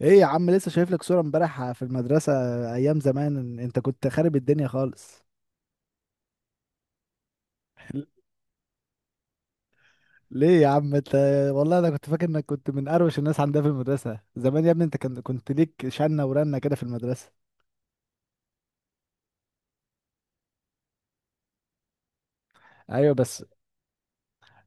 ايه يا عم، لسه شايف لك صورة امبارح في المدرسة. ايام زمان انت كنت خارب الدنيا خالص. ليه يا عم انت، والله انا كنت فاكر انك كنت من اروش الناس عندها في المدرسة زمان. يا ابني انت كنت ليك شنة ورنة كده في المدرسة. ايوه بس.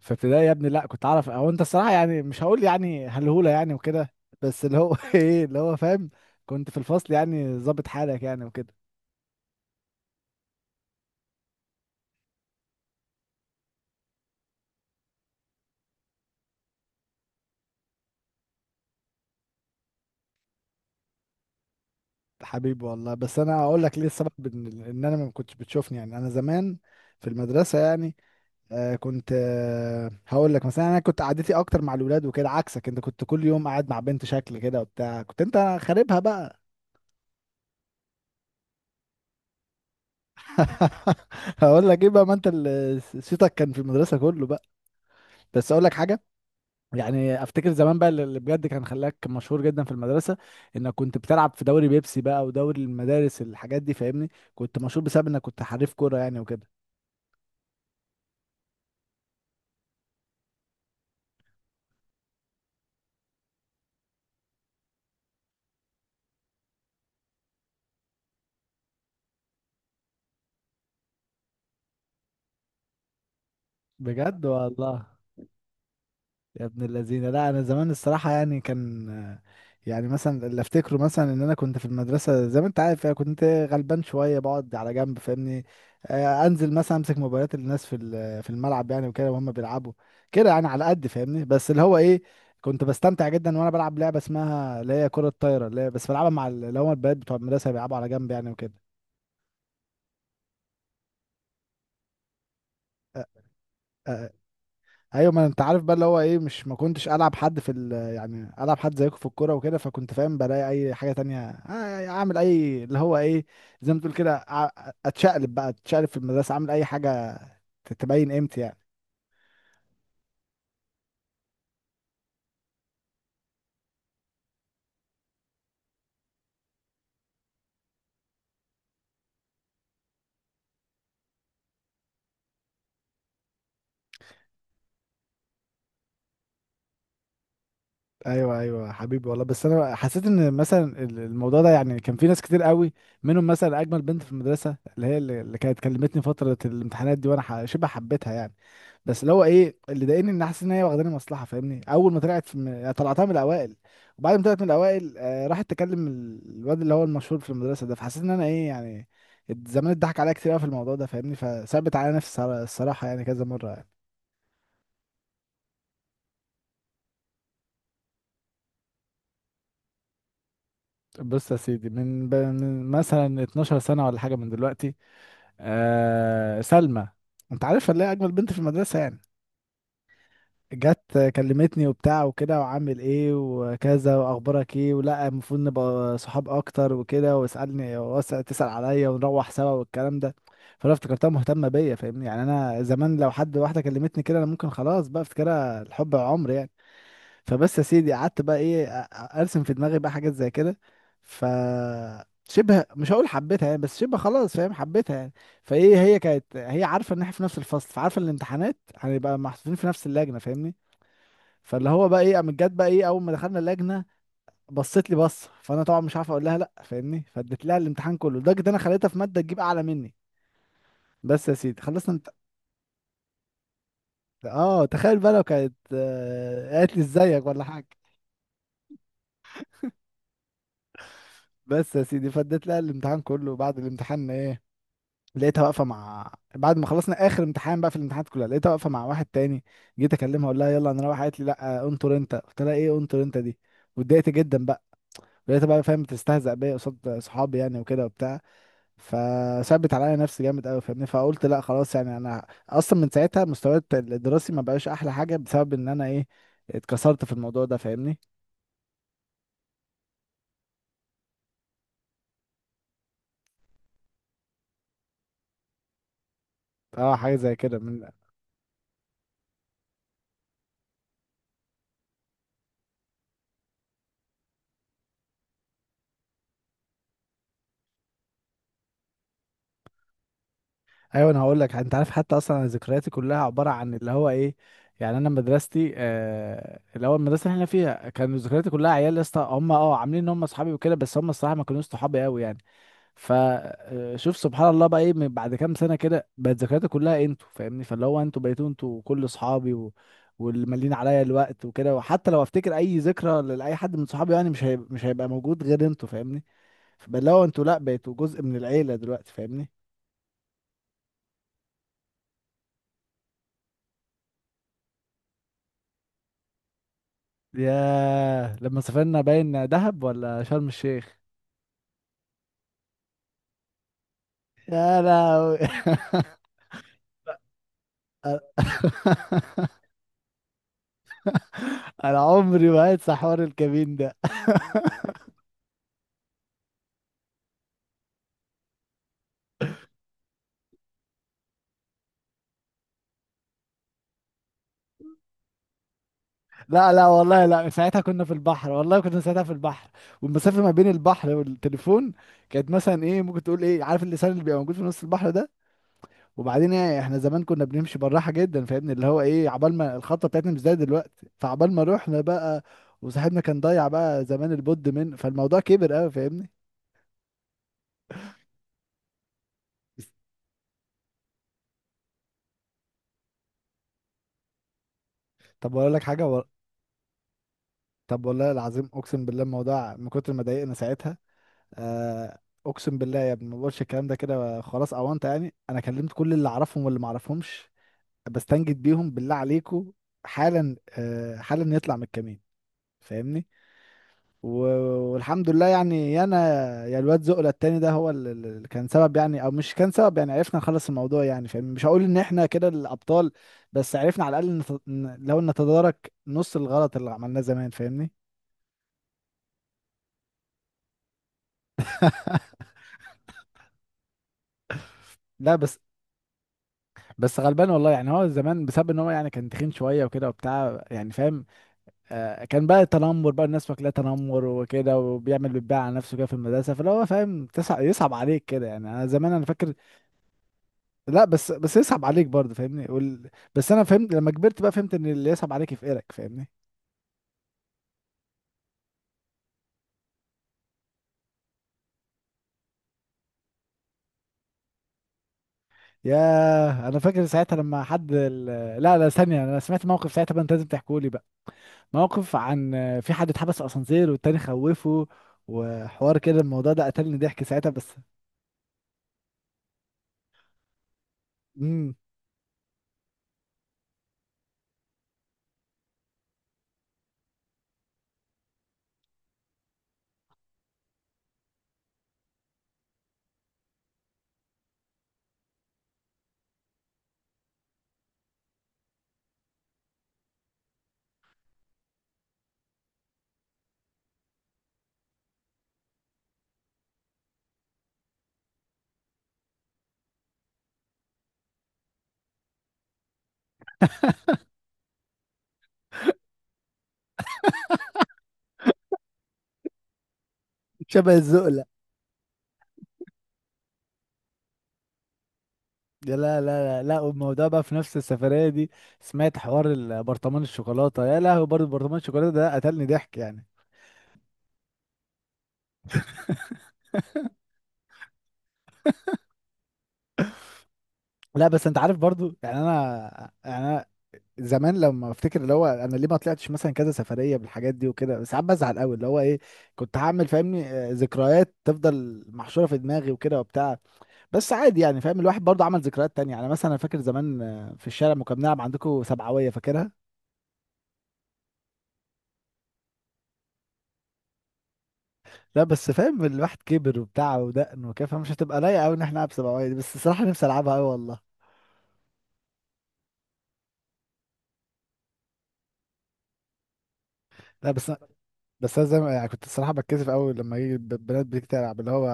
في ابتدائي يا ابني، لا كنت اعرف، او انت الصراحة يعني مش هقول يعني هلهولة يعني وكده، بس اللي هو ايه اللي هو فاهم. كنت في الفصل يعني ظابط حالك يعني وكده. حبيبي والله، بس انا اقول لك ليه السبب، إن انا ما كنتش بتشوفني، يعني انا زمان في المدرسة يعني. كنت هقول لك مثلا انا كنت قعدتي اكتر مع الولاد وكده، عكسك انت كنت كل يوم قاعد مع بنت شكل كده وبتاع، كنت انت خاربها بقى. هقول لك ايه بقى، ما انت اللي صيتك كان في المدرسه كله بقى. بس اقول لك حاجه، يعني افتكر زمان بقى اللي بجد كان خلاك مشهور جدا في المدرسه، انك كنت بتلعب في دوري بيبسي بقى، ودوري المدارس، الحاجات دي فاهمني. كنت مشهور بسبب انك كنت حريف كوره يعني وكده. بجد والله. يا ابن الذين، لا انا زمان الصراحه يعني كان، يعني مثلا اللي افتكره مثلا ان انا كنت في المدرسه زي ما انت عارف، يعني كنت غلبان شويه بقعد على جنب فاهمني. آه، انزل مثلا امسك موبايلات الناس في الملعب يعني وكده وهم بيلعبوا كده، يعني على قد فاهمني. بس اللي هو ايه، كنت بستمتع جدا وانا بلعب لعبه اسمها اللي هي كره الطايره، اللي هي بس بلعبها مع اللي هم البنات بتوع المدرسه بيلعبوا على جنب يعني وكده. آه، آه، ايوه ما انت عارف بقى اللي هو ايه، مش ما كنتش العب حد في ال، يعني العب حد زيكم في الكوره وكده، فكنت فاهم بلاقي اي حاجه تانية. آه، يعني اعمل اي اللي هو ايه، زي ما تقول كده اتشقلب بقى، اتشقلب في المدرسه اعمل اي حاجه تبين قيمتي يعني. ايوه ايوه حبيبي والله، بس انا حسيت ان مثلا الموضوع ده يعني كان في ناس كتير قوي، منهم مثلا اجمل بنت في المدرسه اللي هي اللي كانت كلمتني فتره الامتحانات دي، وانا شبه حبيتها يعني. بس اللي هو ايه اللي ضايقني، ان حاسس ان هي واخداني مصلحه فاهمني، اول ما طلعت طلعتها من الاوائل، وبعد ما طلعت من الاوائل آه راحت تكلم الواد اللي هو المشهور في المدرسه ده، فحسيت ان انا ايه يعني زمان اتضحك عليا كتير قوي في الموضوع ده فاهمني، فثبت على نفسي الصراحه يعني كذا مره يعني. بص يا سيدي من مثلا 12 سنة سنه ولا حاجه من دلوقتي. آه، سلمى، انت عارف اللي هي اجمل بنت في المدرسه يعني. جت كلمتني وبتاع وكده، وعامل ايه وكذا، واخبارك ايه، ولا المفروض نبقى صحاب اكتر وكده، واسالني تسال عليا ونروح سوا والكلام ده. فانا افتكرتها مهتمه بيا فاهمني، يعني انا زمان لو حد واحده كلمتني كده انا ممكن خلاص بقى افتكرها الحب عمر يعني. فبس يا سيدي قعدت بقى ايه ارسم في دماغي بقى حاجات زي كده. ف شبه مش هقول حبيتها يعني، بس شبه خلاص فاهم حبيتها يعني. فايه هي كانت هي عارفه ان احنا في نفس الفصل، فعارفه الامتحانات هنبقى محطوطين في نفس اللجنه فاهمني. فاللي هو بقى ايه قامت جت بقى ايه اول ما دخلنا اللجنه، بصت لي بصه، فانا طبعا مش عارف اقول لها لا فاهمني، فاديت لها الامتحان كله لدرجه ان انا خليتها في ماده تجيب اعلى مني. بس يا سيدي خلصنا اه تخيل بقى لو كانت قالت لي ازيك ولا حاجه. بس يا سيدي فاديت لها الامتحان كله، وبعد الامتحان ايه، لقيتها واقفه مع بعد ما خلصنا اخر امتحان بقى في الامتحانات كلها، لقيتها واقفه مع واحد تاني. جيت اكلمها اقول لها يلا انا رايحه، قالت لي لا انطر انت. قلت لها ايه انطر انت دي، واتضايقت جدا بقى. لقيتها بقى فاهم بتستهزأ بيا قصاد صحابي يعني وكده وبتاع، فثبت عليا نفسي جامد قوي فاهمني. فقلت لا خلاص يعني، انا اصلا من ساعتها مستواي الدراسي ما بقاش احلى حاجه بسبب ان انا ايه، اتكسرت في الموضوع ده فاهمني. اه حاجه زي كده من. ايوه انا هقول لك، انت عارف حتى اصلا انا ذكرياتي كلها عباره عن اللي هو ايه، يعني انا مدرستي الاول المدرسه اللي احنا فيها كانوا ذكرياتي كلها عيال يا اسطى، هم اه عاملين ان هم اصحابي وكده، بس هم الصراحه ما كانوش صحابي قوي يعني. فشوف سبحان الله بقى ايه، من بعد كام سنه كده بقت ذكرياتي كلها انتوا فاهمني، فاللي هو انتوا بقيتوا انتوا كل اصحابي واللي مالين عليا الوقت وكده. وحتى لو افتكر اي ذكرى لاي حد من صحابي يعني، مش هيبقى موجود غير انتوا فاهمني. فاللي هو انتوا لا بقيتوا جزء من العيله دلوقتي فاهمني. ياه لما سافرنا، باين دهب ولا شرم الشيخ. يا لهوي انا. أنا عمري ما هنسى حوار الكمين ده. لا لا والله لا، ساعتها كنا في البحر، والله كنا ساعتها في البحر، والمسافة ما بين البحر والتليفون كانت مثلا ايه، ممكن تقول ايه، عارف اللسان اللي بيبقى موجود في نص البحر ده. وبعدين ايه، احنا زمان كنا بنمشي بالراحة جدا فاهمني، اللي هو ايه عبال ما الخطة بتاعتنا مش زي دلوقتي، فعبال ما رحنا بقى وصاحبنا كان ضايع بقى زمان البود من، فالموضوع كبر قوي فاهمني. طب اقول لك حاجه طب والله العظيم اقسم بالله الموضوع من كتر ما ضايقنا ساعتها آه، اقسم بالله يا ابني ما بقولش الكلام ده كده خلاص اوانت يعني، انا كلمت كل اللي اعرفهم واللي ما اعرفهمش بستنجد بيهم بالله عليكم حالا، آه حالا يطلع من الكمين فاهمني. و... والحمد لله يعني، يا انا يا الواد زقله التاني ده هو اللي كان سبب يعني، او مش كان سبب يعني، عرفنا نخلص الموضوع يعني فاهمني، مش هقول ان احنا كده الابطال، بس عرفنا على الاقل لو نتدارك نص الغلط اللي عملناه زمان فاهمني. لا بس بس غلبان والله يعني، هو زمان بسبب ان هو يعني كان تخين شويه وكده وبتاع يعني فاهم، آه كان بقى تنمر بقى، الناس فاكراه تنمر وكده، وبيعمل بيتباع على نفسه كده في المدرسه، فاللي هو فاهم تسع يصعب عليك كده يعني، انا زمان انا فاكر. لا بس بس يصعب عليك برضه فاهمني بس انا فهمت لما كبرت بقى، فهمت ان اللي يصعب عليك يفقرك فاهمني. ياه انا فاكر ساعتها لما حد لا لا ثانيه، انا سمعت موقف ساعتها بقى انت لازم تحكوا لي، موقف عن في حد اتحبس في اسانسير والتاني خوفه وحوار كده، الموضوع ده قتلني ضحك ساعتها بس. امم. شبه الزقلة. يا لا لا لا لا، والموضوع بقى في نفس السفرية دي، سمعت حوار البرطمان الشوكولاتة؟ يا لهوي برضه برطمان الشوكولاتة ده قتلني ضحك يعني. لا بس انت عارف برضه يعني انا يعني انا زمان لما افتكر اللي هو انا ليه ما طلعتش مثلا كذا سفرية بالحاجات دي وكده، بس ساعات بزعل قوي اللي هو ايه كنت هعمل فاهمني، آه، ذكريات تفضل محشورة في دماغي وكده وبتاع. بس عادي يعني فاهم، الواحد برضه عمل ذكريات تانية، يعني مثلا انا فاكر زمان في الشارع لما كنا بنلعب عندكم سبعوية فاكرها. لا بس فاهم الواحد كبر وبتاع ودقن وكده، فمش هتبقى لايقة قوي ان احنا نلعب سبعوية دي، بس الصراحة نفسي العبها قوي والله. لا بس بس انا زي ما يعني كنت الصراحة بتكسف قوي لما يجي بنات بتيجي تلعب اللي هو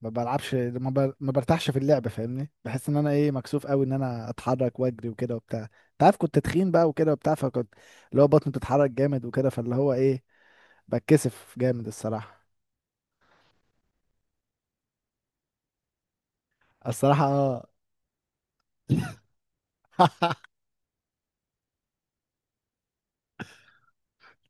ما بلعبش ما برتاحش في اللعب فاهمني، بحس ان انا ايه مكسوف قوي ان انا اتحرك واجري وكده وبتاع. انت عارف كنت تخين بقى وكده وبتاع فكنت اللي هو بطني بتتحرك جامد وكده، فاللي هو ايه بتكسف جامد الصراحة. الصراحة اه.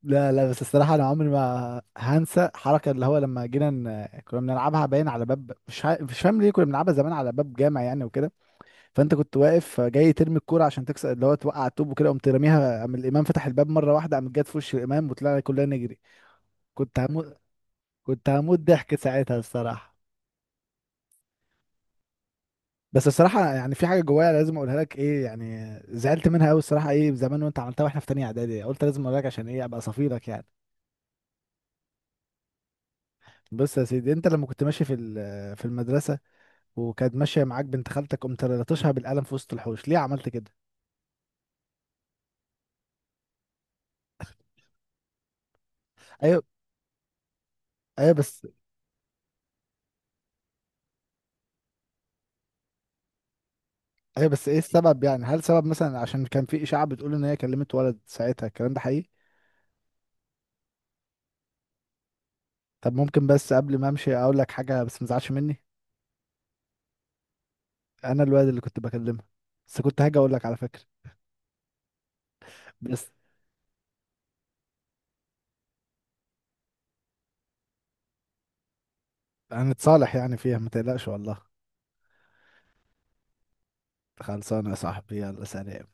لا لا بس الصراحة أنا عمري ما هنسى حركة اللي هو لما جينا كنا بنلعبها باين على باب، مش مش فاهم ليه كنا بنلعبها زمان على باب جامع يعني وكده. فأنت كنت واقف جاي ترمي الكورة عشان تكسر اللي هو توقع الطوب وكده، قمت راميها، قام الإمام فتح الباب مرة واحدة، قامت جت في وش الإمام، وطلعنا كلنا نجري. كنت هموت، كنت هموت ضحك ساعتها الصراحة. بس الصراحة يعني في حاجة جوايا لازم أقولها لك، إيه يعني زعلت منها أوي الصراحة، إيه زمان وأنت عملتها وإحنا في تانية إعدادي، قلت لازم أقولها لك عشان إيه أبقى صفيلك يعني. بص يا سيدي، أنت لما كنت ماشي في المدرسة وكانت ماشيه معاك بنت خالتك قمت لطشها بالقلم في وسط الحوش، ليه عملت كده؟ ايوه، ايوه بس. ايوه بس ايه السبب يعني، هل سبب مثلا عشان كان في اشاعه بتقول ان هي كلمت ولد ساعتها، الكلام ده حقيقي؟ طب ممكن بس قبل ما امشي اقول لك حاجه بس ما تزعلش مني، انا الواد اللي كنت بكلمها. بس كنت هاجي اقول لك على فكره. بس هنتصالح يعني فيها، ما تقلقش والله. خلصانه يا صاحبي، يلا سلام.